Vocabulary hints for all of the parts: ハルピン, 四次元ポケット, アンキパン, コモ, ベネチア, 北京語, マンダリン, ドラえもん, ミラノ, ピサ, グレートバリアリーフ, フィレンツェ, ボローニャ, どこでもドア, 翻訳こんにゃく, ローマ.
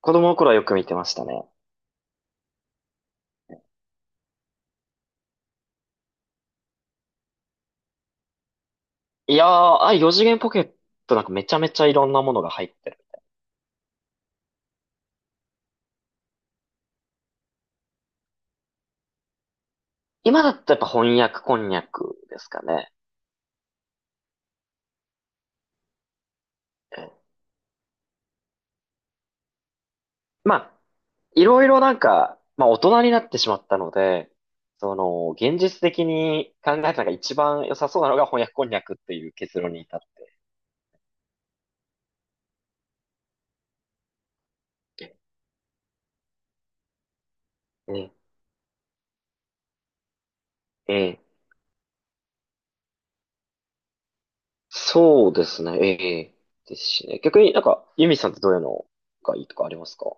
子供の頃はよく見てましたね。いやー、ああいう四次元ポケットなんかめちゃめちゃいろんなものが入ってる。今だったらやっぱ翻訳こんにゃくですかね。ええ、まあ、いろいろなんか、まあ大人になってしまったので、現実的に考えたのが一番良さそうなのが翻訳こんにゃくっていう結論に至って。ええ、ええ、そうですね、ええ、ですしね。逆になんか、ユミさんってどういうのがいいとかありますか？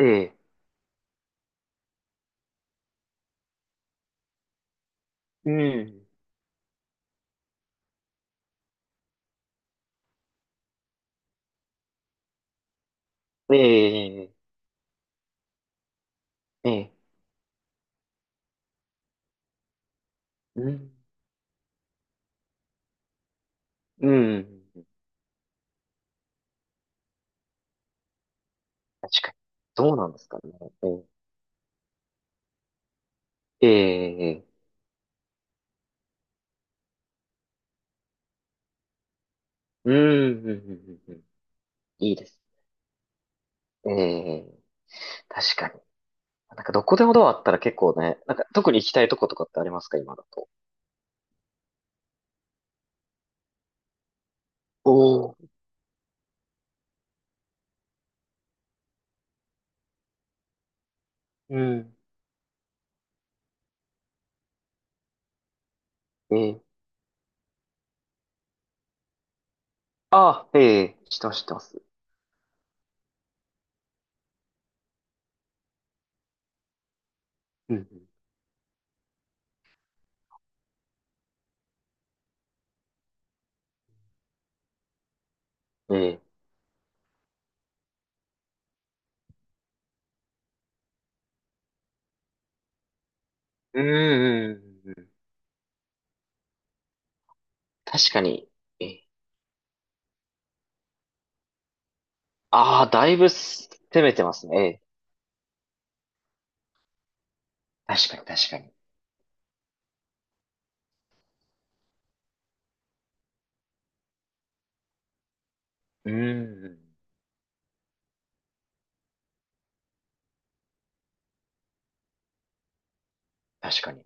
ええ、うん。ええ、ええ、ええ、うん。うん。確かに。どうなんですかね。ええー、うん、うん、うん、うん。いいです。ええー、確かに。なんかどこでもドアあったら結構ね、なんか特に行きたいとことかってありますか、今だと？おー、うん。ええ、ああ、ええ、知ってます、知ってます。うん、うん、ええ、うん、うん、うんうん。確かに。ええ、ああ、だいぶ攻めてますね。ええ、確かに、確かに。うん、うん、確かに。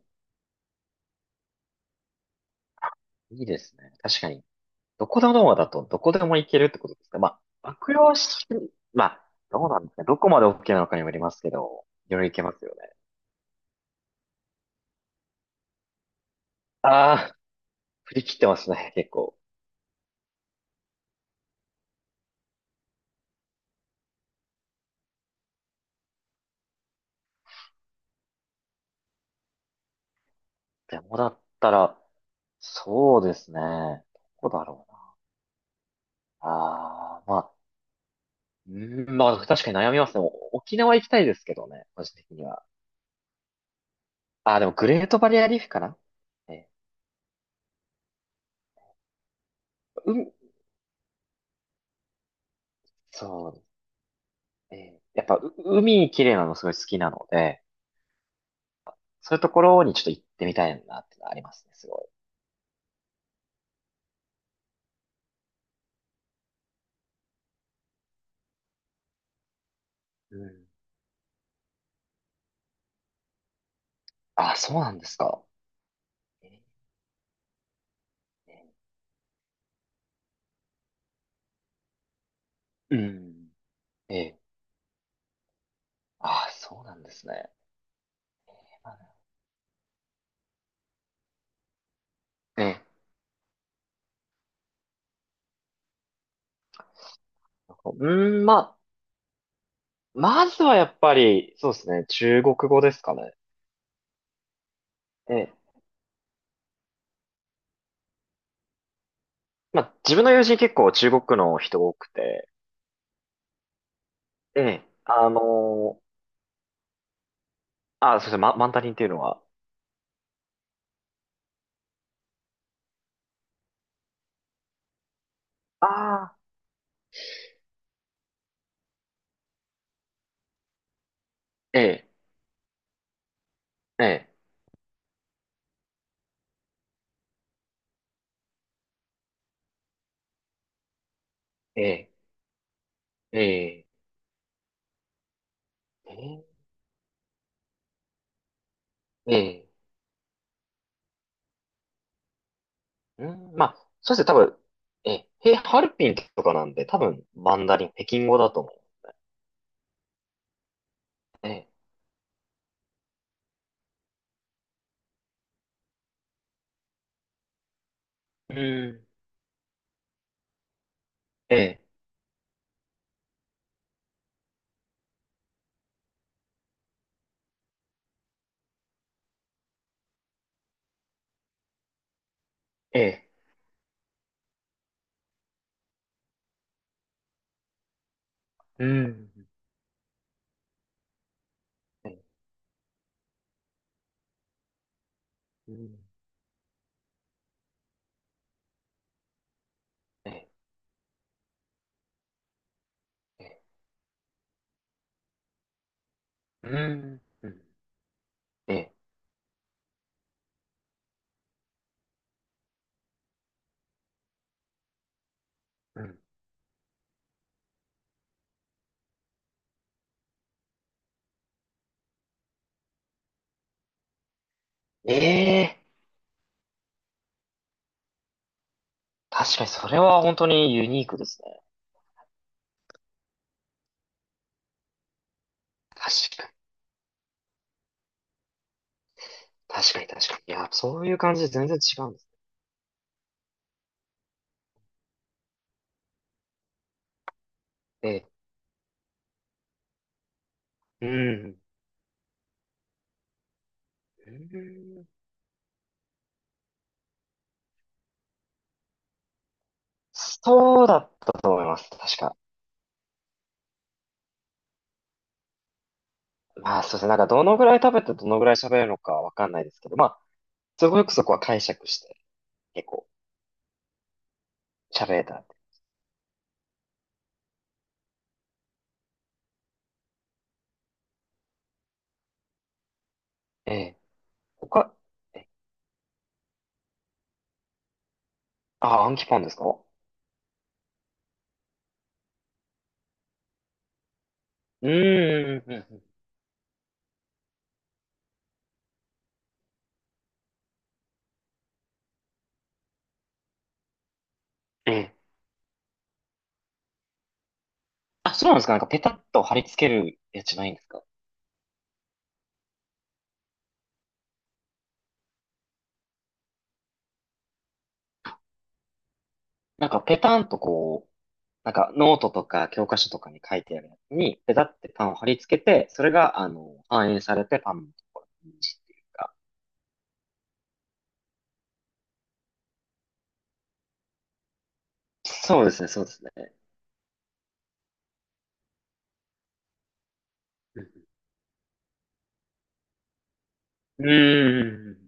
いいですね。確かに。どこのドアだとどこでも行けるってことですか？まあ、悪用し、まあ、どうなんですかね、どこまで OK なのかにもよりますけど、いろいろ行けますよね。ああ、振り切ってますね、結構。でもだったら、そうですね。どこだろうな。ああ、まあ、うーん、まあ、確かに悩みますね。沖縄行きたいですけどね、個人的には。ああ、でもグレートバリアリーフかな。えうん、そう、やっぱ、海綺麗なのすごい好きなので、そういうところにちょっと行ってみたいなってのはありますね、すごい。うん。あ、そうなんですか。ええ、うん。ええ。あ、そうなんですね。ええ。うん、まあ、まずはやっぱり、そうですね、中国語ですかね。ええ。まあ、自分の友人結構中国の人多くて、ええ。あ、そうですね、マンダリンっていうのは。ああ。ええ、ええ、ええ、ええ、ええ、ええ、うん、まあ、そうですね、多分、ええ、ハルピンとかなんで、多分、マンダリン、北京語だと思う。ええ、うん。ええ、ええ、うん。ええ、うん。ええ、ええ、うん。うん。ええ。うん、ええ、確かにそれは本当にユニークですね。確かに、確かに、確かに。いや、そういう感じで全然違うんですね。ええ、うん。うん、そうだったと思います。確か。まあ、そうですね。なんか、どのぐらい食べてどのぐらい喋るのかわかんないですけど、まあ、すごくそこは解釈して、結構喋れたんで。ええ、他、え、あ、アンキパンですか？うーん、うん、うん、うん、ええ。あ、そうなんですか。なんかペタッと貼り付けるやつじゃないんですか。なんかペタンとこう、なんかノートとか教科書とかに書いてあるやつに、ペタってパンを貼り付けて、それが、反映されてパンのところに文字っていうか。そうですね、そうですね。うん、うーん、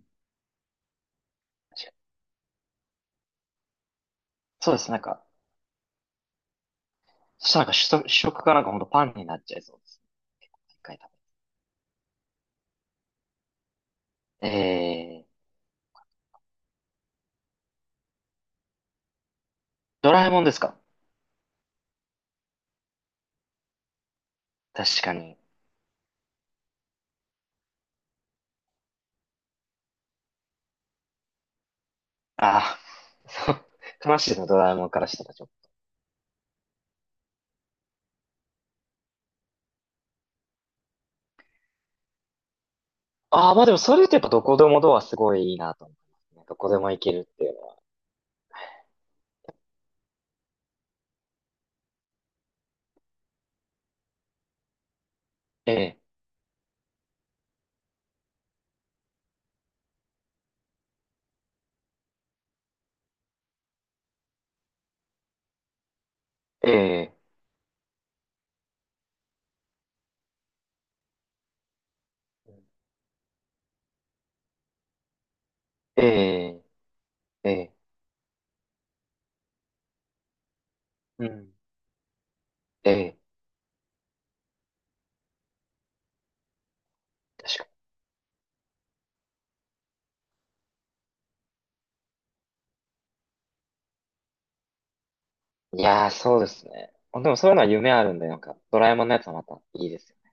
確かに。そうですね、なんか、そしたらなんか主食がなんかほんとパンになっちゃいそうですね。一回食べて。ドラえもんですか？確かに。ああ、そう、悲 しいですね、ドラえもんからしたら。ああ、まあでもそれってやっぱどこでもドアすごいいいなと思いますね。どこでも行けるっていうのは。ええ、ええ、ええ、ええ、うん、ええ、確かに。いやー、そうですね。でもそういうのは夢あるんで、なんか、ドラえもんのやつはまたいいですよね。